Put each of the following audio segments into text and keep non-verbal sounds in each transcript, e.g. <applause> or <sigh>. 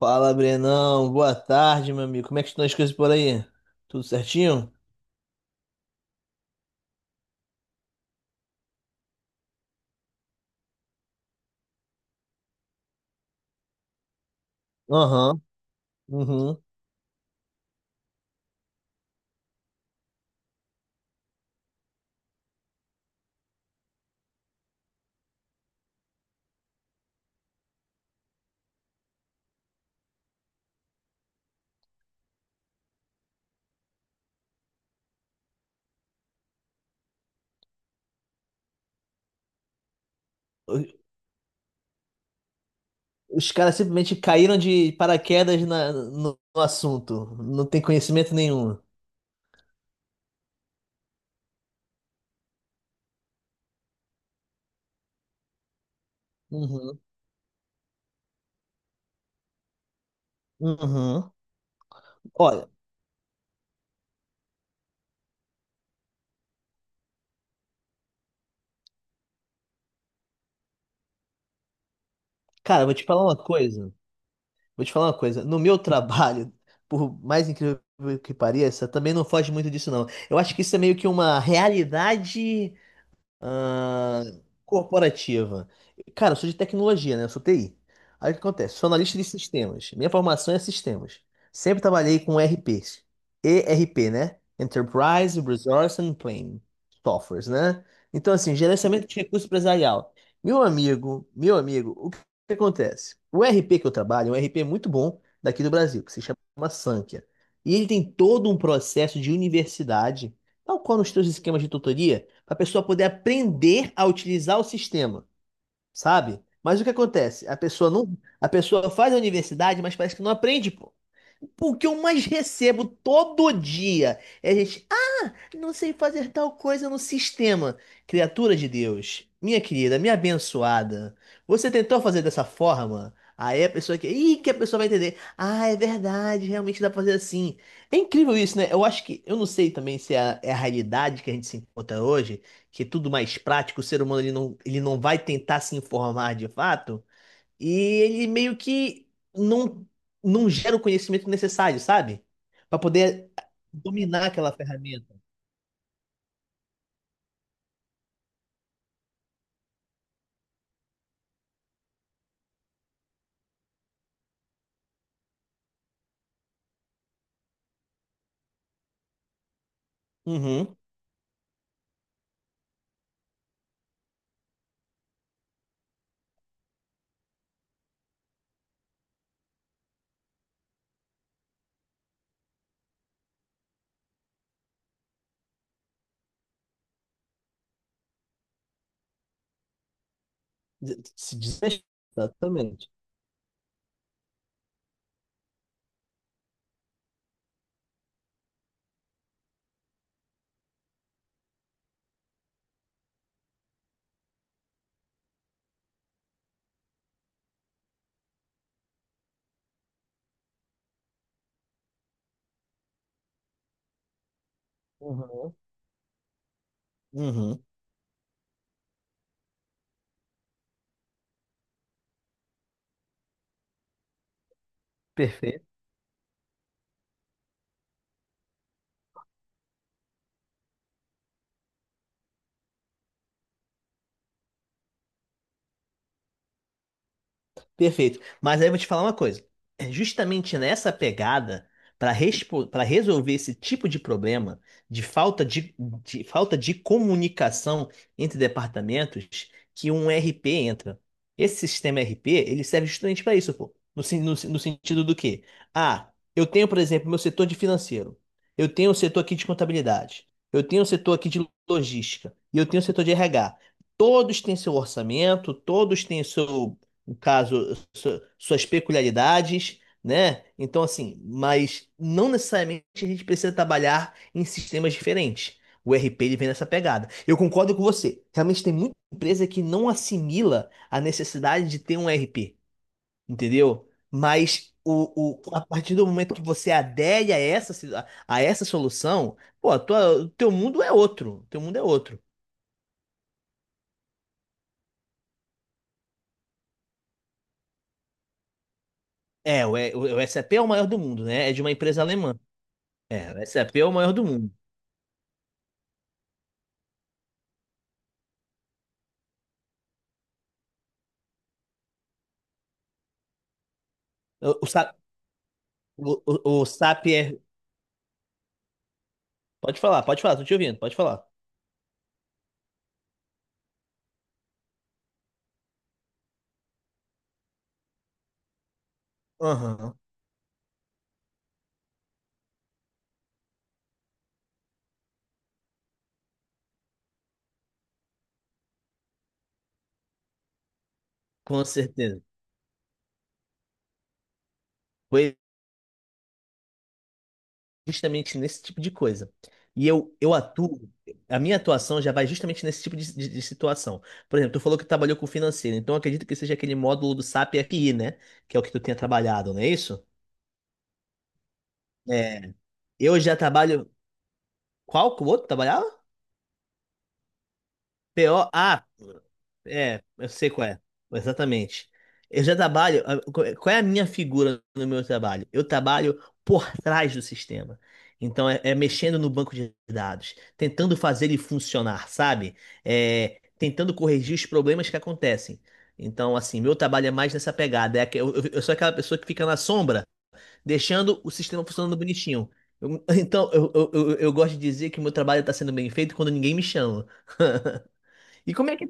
Fala, Brenão. Boa tarde, meu amigo. Como é que estão as coisas por aí? Tudo certinho? Aham. Uhum. Os caras simplesmente caíram de no, no assunto. Não tem conhecimento nenhum. Uhum. Uhum. Olha, cara, vou te falar uma coisa. Vou te falar uma coisa. No meu trabalho, por mais incrível que pareça, também não foge muito disso, não. Eu acho que isso é meio que uma realidade ah, corporativa. Cara, eu sou de tecnologia, né? Eu sou TI. Aí o que acontece? Sou analista de sistemas. Minha formação é sistemas. Sempre trabalhei com ERPs. ERP, né? Enterprise Resource and Planning Softwares, né? Então, assim, gerenciamento de recurso empresarial. Meu amigo, o que que acontece? O ERP que eu trabalho é um ERP muito bom daqui do Brasil, que se chama Sankhya. E ele tem todo um processo de universidade, tal qual nos seus esquemas de tutoria para a pessoa poder aprender a utilizar o sistema, sabe? Mas o que acontece? A pessoa não, a pessoa faz a universidade, mas parece que não aprende, pô. O que eu mais recebo todo dia é a gente, ah, não sei fazer tal coisa no sistema. Criatura de Deus, minha querida, minha abençoada, você tentou fazer dessa forma? Aí a pessoa que a pessoa vai entender. Ah, é verdade, realmente dá pra fazer assim. É incrível isso, né? Eu acho que, eu não sei também se é a realidade que a gente se encontra hoje, que é tudo mais prático, o ser humano ele não vai tentar se informar de fato, e ele meio que não, não gera o conhecimento necessário, sabe? Para poder dominar aquela ferramenta. Uhum. Se diz exatamente. Uhum. Uhum. Perfeito. Perfeito. Mas aí eu vou te falar uma coisa. É justamente nessa pegada, para para resolver esse tipo de problema de falta de, de falta de comunicação entre departamentos, que um RP entra. Esse sistema RP, ele serve justamente para isso, pô. No, sentido do quê? Ah, eu tenho, por exemplo, meu setor de financeiro. Eu tenho o setor aqui de contabilidade. Eu tenho o setor aqui de logística. E eu tenho o setor de RH. Todos têm seu orçamento, todos têm seu, no caso, suas peculiaridades, né? Então, assim, mas não necessariamente a gente precisa trabalhar em sistemas diferentes. O RP ele vem nessa pegada. Eu concordo com você. Realmente tem muita empresa que não assimila a necessidade de ter um RP, entendeu? Mas a partir do momento que você adere a a essa solução, pô, o teu mundo é outro. Teu mundo é outro. É, o SAP é o maior do mundo, né? É de uma empresa alemã. É, o SAP é o maior do mundo. O, Sa- o Sapier. Pode falar, tô te ouvindo, pode falar. Aham. Com certeza. Foi justamente nesse tipo de coisa. E eu atuo, a minha atuação já vai justamente nesse tipo de situação. Por exemplo, tu falou que trabalhou com financeiro, então eu acredito que seja aquele módulo do SAP FI, né? Que é o que tu tenha trabalhado, não é isso? É. Eu já trabalho. Qual que o outro trabalhava? PO. Ah, É, eu sei qual é. Exatamente. Eu já trabalho. A- Qual é é a minha figura no meu trabalho? Eu trabalho por trás do sistema. Então, é mexendo no banco de dados, tentando fazer ele funcionar, sabe? É, tentando corrigir os problemas que acontecem. Então, assim, meu trabalho é mais nessa pegada. Eu sou aquela pessoa que fica na sombra, deixando o sistema funcionando bonitinho. <laughs> Então, eu gosto de dizer que meu trabalho está sendo bem feito quando ninguém me chama. <laughs> E como é que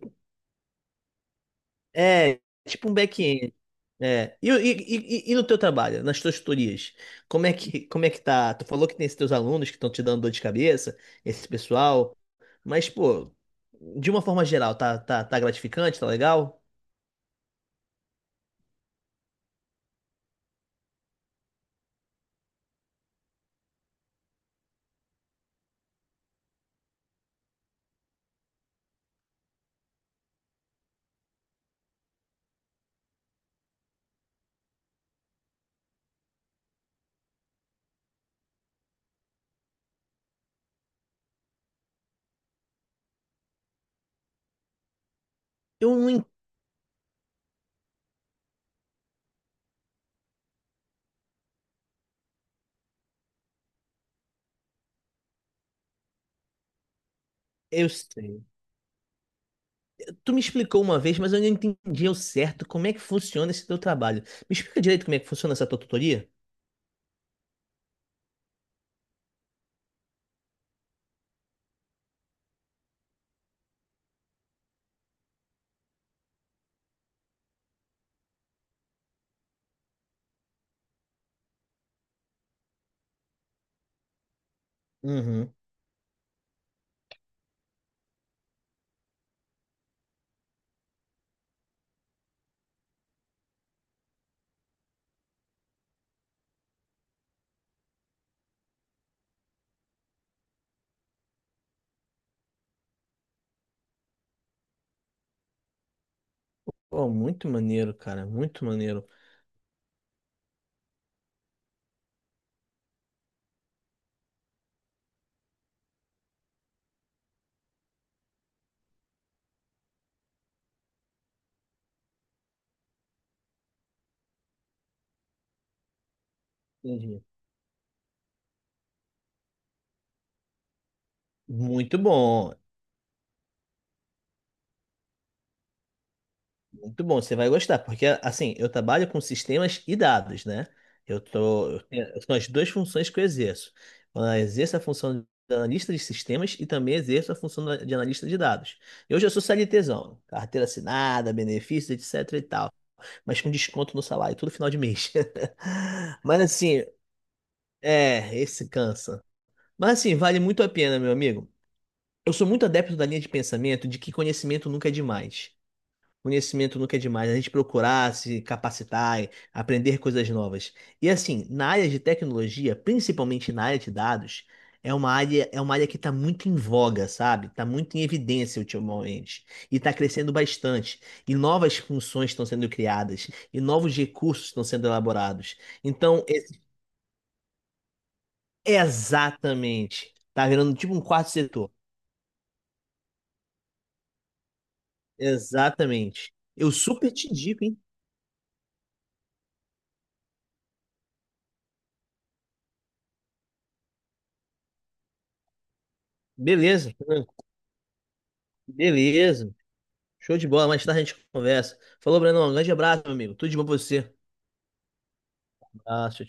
é, tipo um back-end. É. E no teu trabalho, nas tuas tutorias, como é que tá? Tu falou que tem esses teus alunos que estão te dando dor de cabeça, esse pessoal, mas, pô, de uma forma geral, tá gratificante, tá legal? Eu não, en- eu sei. Tu me explicou uma vez, mas eu não entendi ao certo como é que funciona esse teu trabalho. Me explica direito como é que funciona essa tua tutoria? Uhum. Pô, muito maneiro, cara, muito maneiro. Entendi. Muito bom. Muito bom, você vai gostar, porque assim, eu trabalho com sistemas e dados, né? Eu tô, eu tenho- são as duas funções que eu exerço. Eu exerço a função de analista de sistemas e também exerço a função de analista de dados. Eu já sou CLTzão, carteira assinada, benefícios, etc e tal, mas com desconto no salário, todo final de mês. <laughs> Mas assim, é, esse cansa. Mas assim, vale muito a pena, meu amigo. Eu sou muito adepto da linha de pensamento de que conhecimento nunca é demais. Conhecimento nunca é demais, a gente procurar se capacitar, aprender coisas novas. E assim, na área de tecnologia, principalmente na área de dados, é uma área que está muito em voga, sabe? Está muito em evidência ultimamente. E está crescendo bastante. E novas funções estão sendo criadas. E novos recursos estão sendo elaborados. Então, exatamente. Tá virando tipo um quarto setor. Exatamente. Eu super te digo, hein? Beleza, beleza. Show de bola, mais tarde a gente conversa. Falou, Brenão. Um grande abraço, meu amigo. Tudo de bom pra você. Abraço, tchau.